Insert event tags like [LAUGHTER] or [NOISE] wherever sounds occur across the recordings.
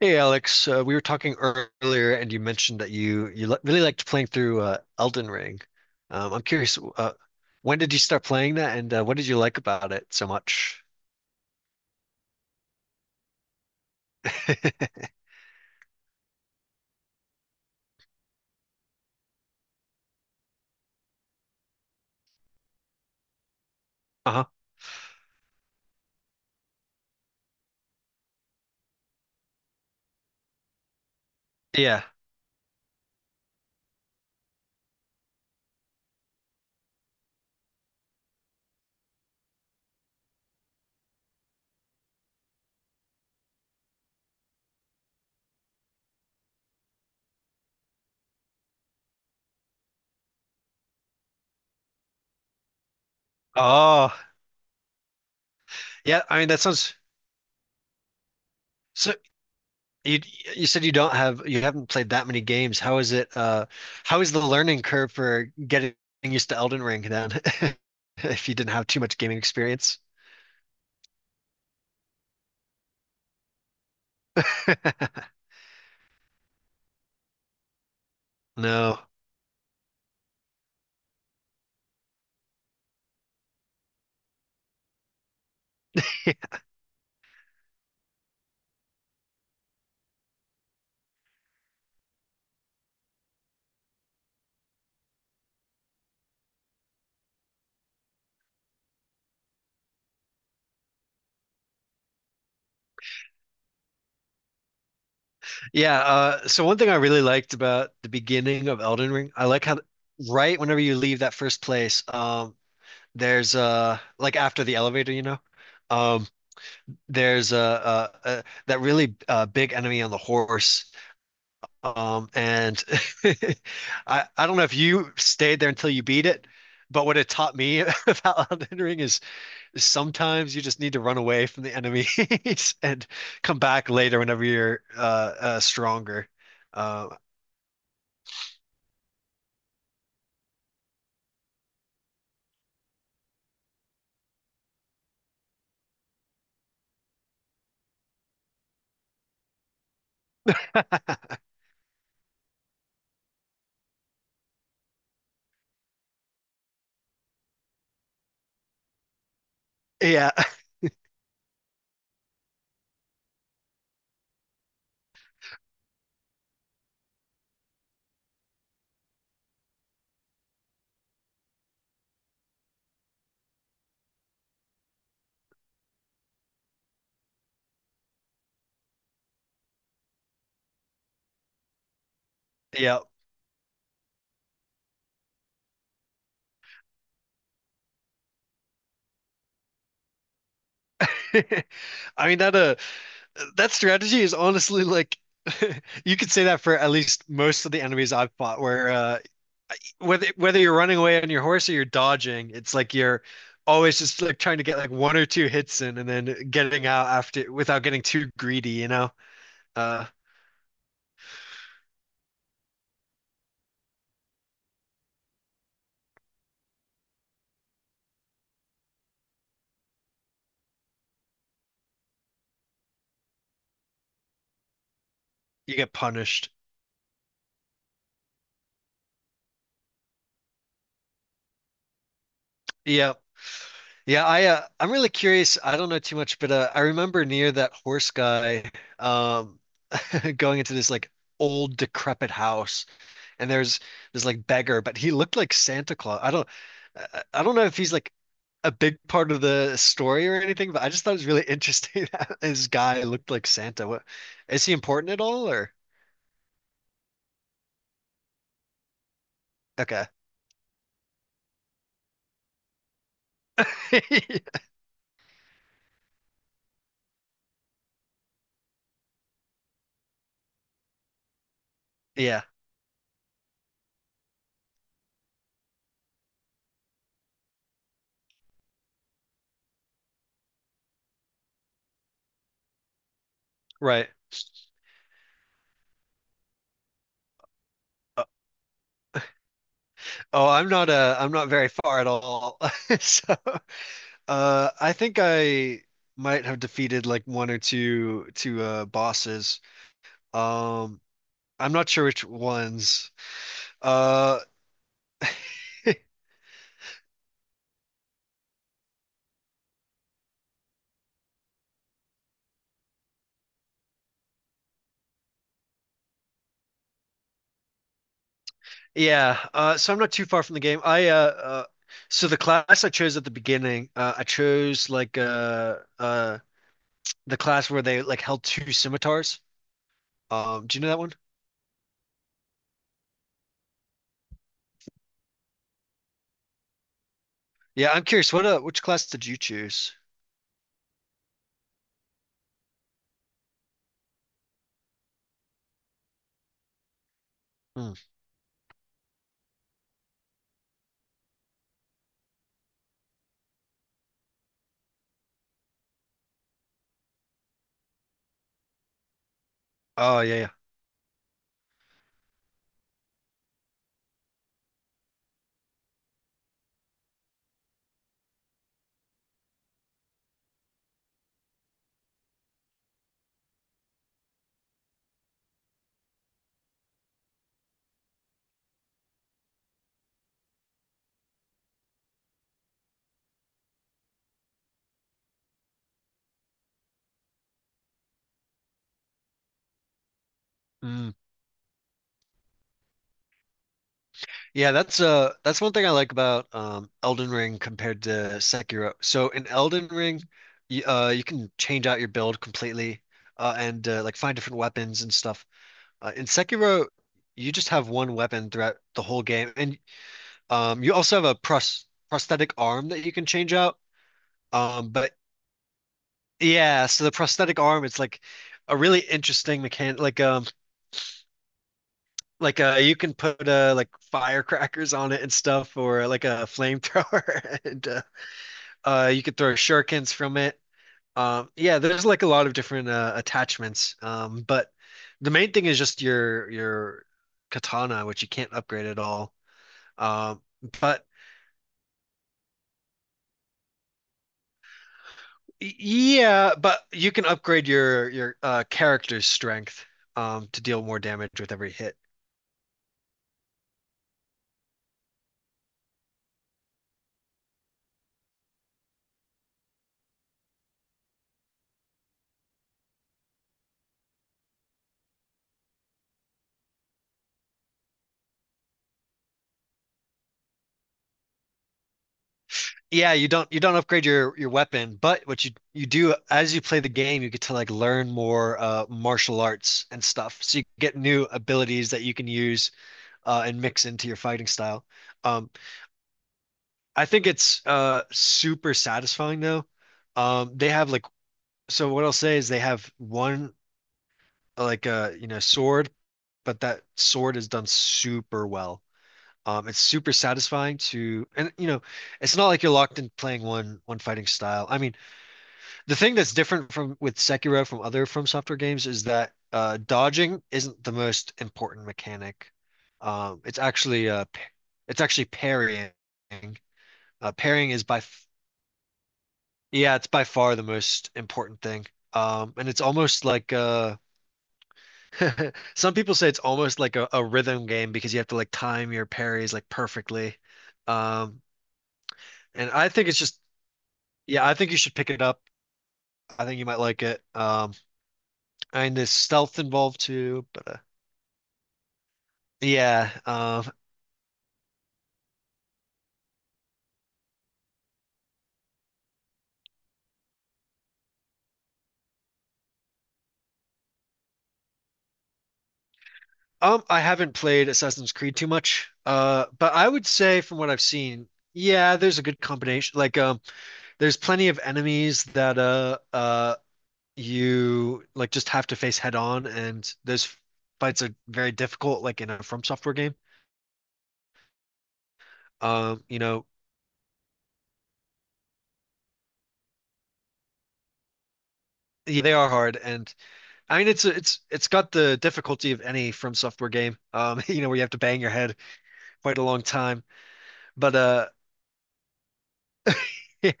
Hey Alex, we were talking earlier, and you mentioned that you li really liked playing through Elden Ring. I'm curious, when did you start playing that, and what did you like about it so much? [LAUGHS] Uh-huh. Yeah. Oh, yeah. I mean, that sounds so. You you said you don't have you haven't played that many games. How is it? How is the learning curve for getting used to Elden Ring then, [LAUGHS] if you didn't have too much gaming experience? [LAUGHS] No. Yeah, so one thing I really liked about the beginning of Elden Ring, I like how right whenever you leave that first place, there's like after the elevator, um, there's that really big enemy on the horse, and [LAUGHS] I don't know if you stayed there until you beat it, but what it taught me [LAUGHS] about Elden Ring is sometimes you just need to run away from the enemies [LAUGHS] and come back later whenever you're stronger. Uh, [LAUGHS] Yeah, yeah. [LAUGHS] I mean that that strategy is honestly like [LAUGHS] you could say that for at least most of the enemies I've fought where whether you're running away on your horse or you're dodging, it's like you're always just like trying to get like one or two hits in and then getting out after without getting too greedy, you know? Uh, you get punished. Yeah. Yeah, I I'm really curious. I don't know too much, but I remember near that horse guy um [LAUGHS] going into this like old decrepit house and there's this like beggar, but he looked like Santa Claus. I don't know if he's like a big part of the story or anything, but I just thought it was really interesting [LAUGHS] that this guy looked like Santa. What is he important at all or okay. [LAUGHS] Yeah, right. Uh, oh, I'm not very far at all. [LAUGHS] So, I think I might have defeated like one or two bosses. Um, I'm not sure which ones. Uh, yeah, so I'm not too far from the game. I So the class I chose at the beginning, I chose like the class where they like held two scimitars. Do you know that one? Yeah, I'm curious. What which class did you choose? Hmm. Oh yeah, yeah. Mm. Yeah, that's one thing I like about Elden Ring compared to Sekiro. So in Elden Ring, you, you can change out your build completely, and like find different weapons and stuff. In Sekiro, you just have one weapon throughout the whole game, and you also have a prosthetic arm that you can change out. But yeah, so the prosthetic arm, it's like a really interesting mechanic. Like you can put like firecrackers on it and stuff, or like a flamethrower, [LAUGHS] and you could throw shurikens from it. Yeah, there's like a lot of different attachments. But the main thing is just your katana, which you can't upgrade at all. Um, but yeah, but you can upgrade your character's strength to deal more damage with every hit. Yeah, you don't upgrade your weapon, but what you do as you play the game, you get to like learn more martial arts and stuff. So you get new abilities that you can use and mix into your fighting style. Um, I think it's super satisfying though. They have like so what I'll say is they have one like you know, sword, but that sword is done super well. It's super satisfying to, and you know, it's not like you're locked in playing one fighting style. I mean, the thing that's different from with Sekiro from other From Software games is that dodging isn't the most important mechanic. It's actually it's actually parrying. Parrying is by, f yeah, it's by far the most important thing. And it's almost like some people say it's almost like a rhythm game because you have to like time your parries like perfectly. Um, and I think it's just, yeah, I think you should pick it up. I think you might like it. And there's stealth involved too, but yeah. I haven't played Assassin's Creed too much. But I would say from what I've seen, yeah, there's a good combination. Like, there's plenty of enemies that you like just have to face head on, and those fights are very difficult, like in a From Software game. You know, yeah, they are hard, and I mean it's got the difficulty of any From Software game. [LAUGHS] You know, where you have to bang your head quite a long time. But [LAUGHS] yeah,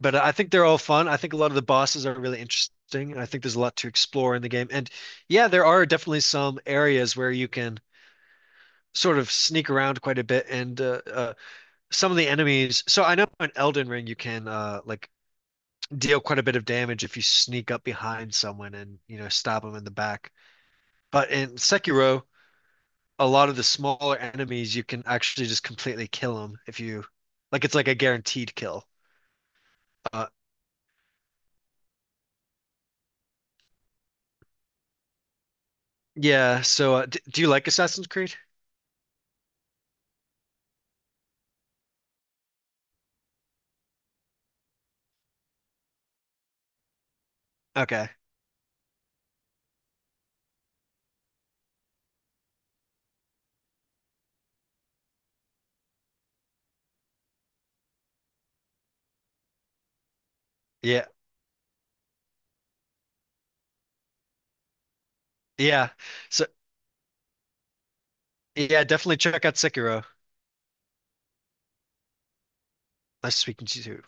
but I think they're all fun. I think a lot of the bosses are really interesting, and I think there's a lot to explore in the game. And yeah, there are definitely some areas where you can sort of sneak around quite a bit, and some of the enemies. So I know in Elden Ring you can like deal quite a bit of damage if you sneak up behind someone and you know stab them in the back. But in Sekiro, a lot of the smaller enemies, you can actually just completely kill them if you like. It's like a guaranteed kill. Uh, yeah. So, d do you like Assassin's Creed? Okay. Yeah. Yeah. So, yeah, definitely check out Sekiro. Nice speaking to you.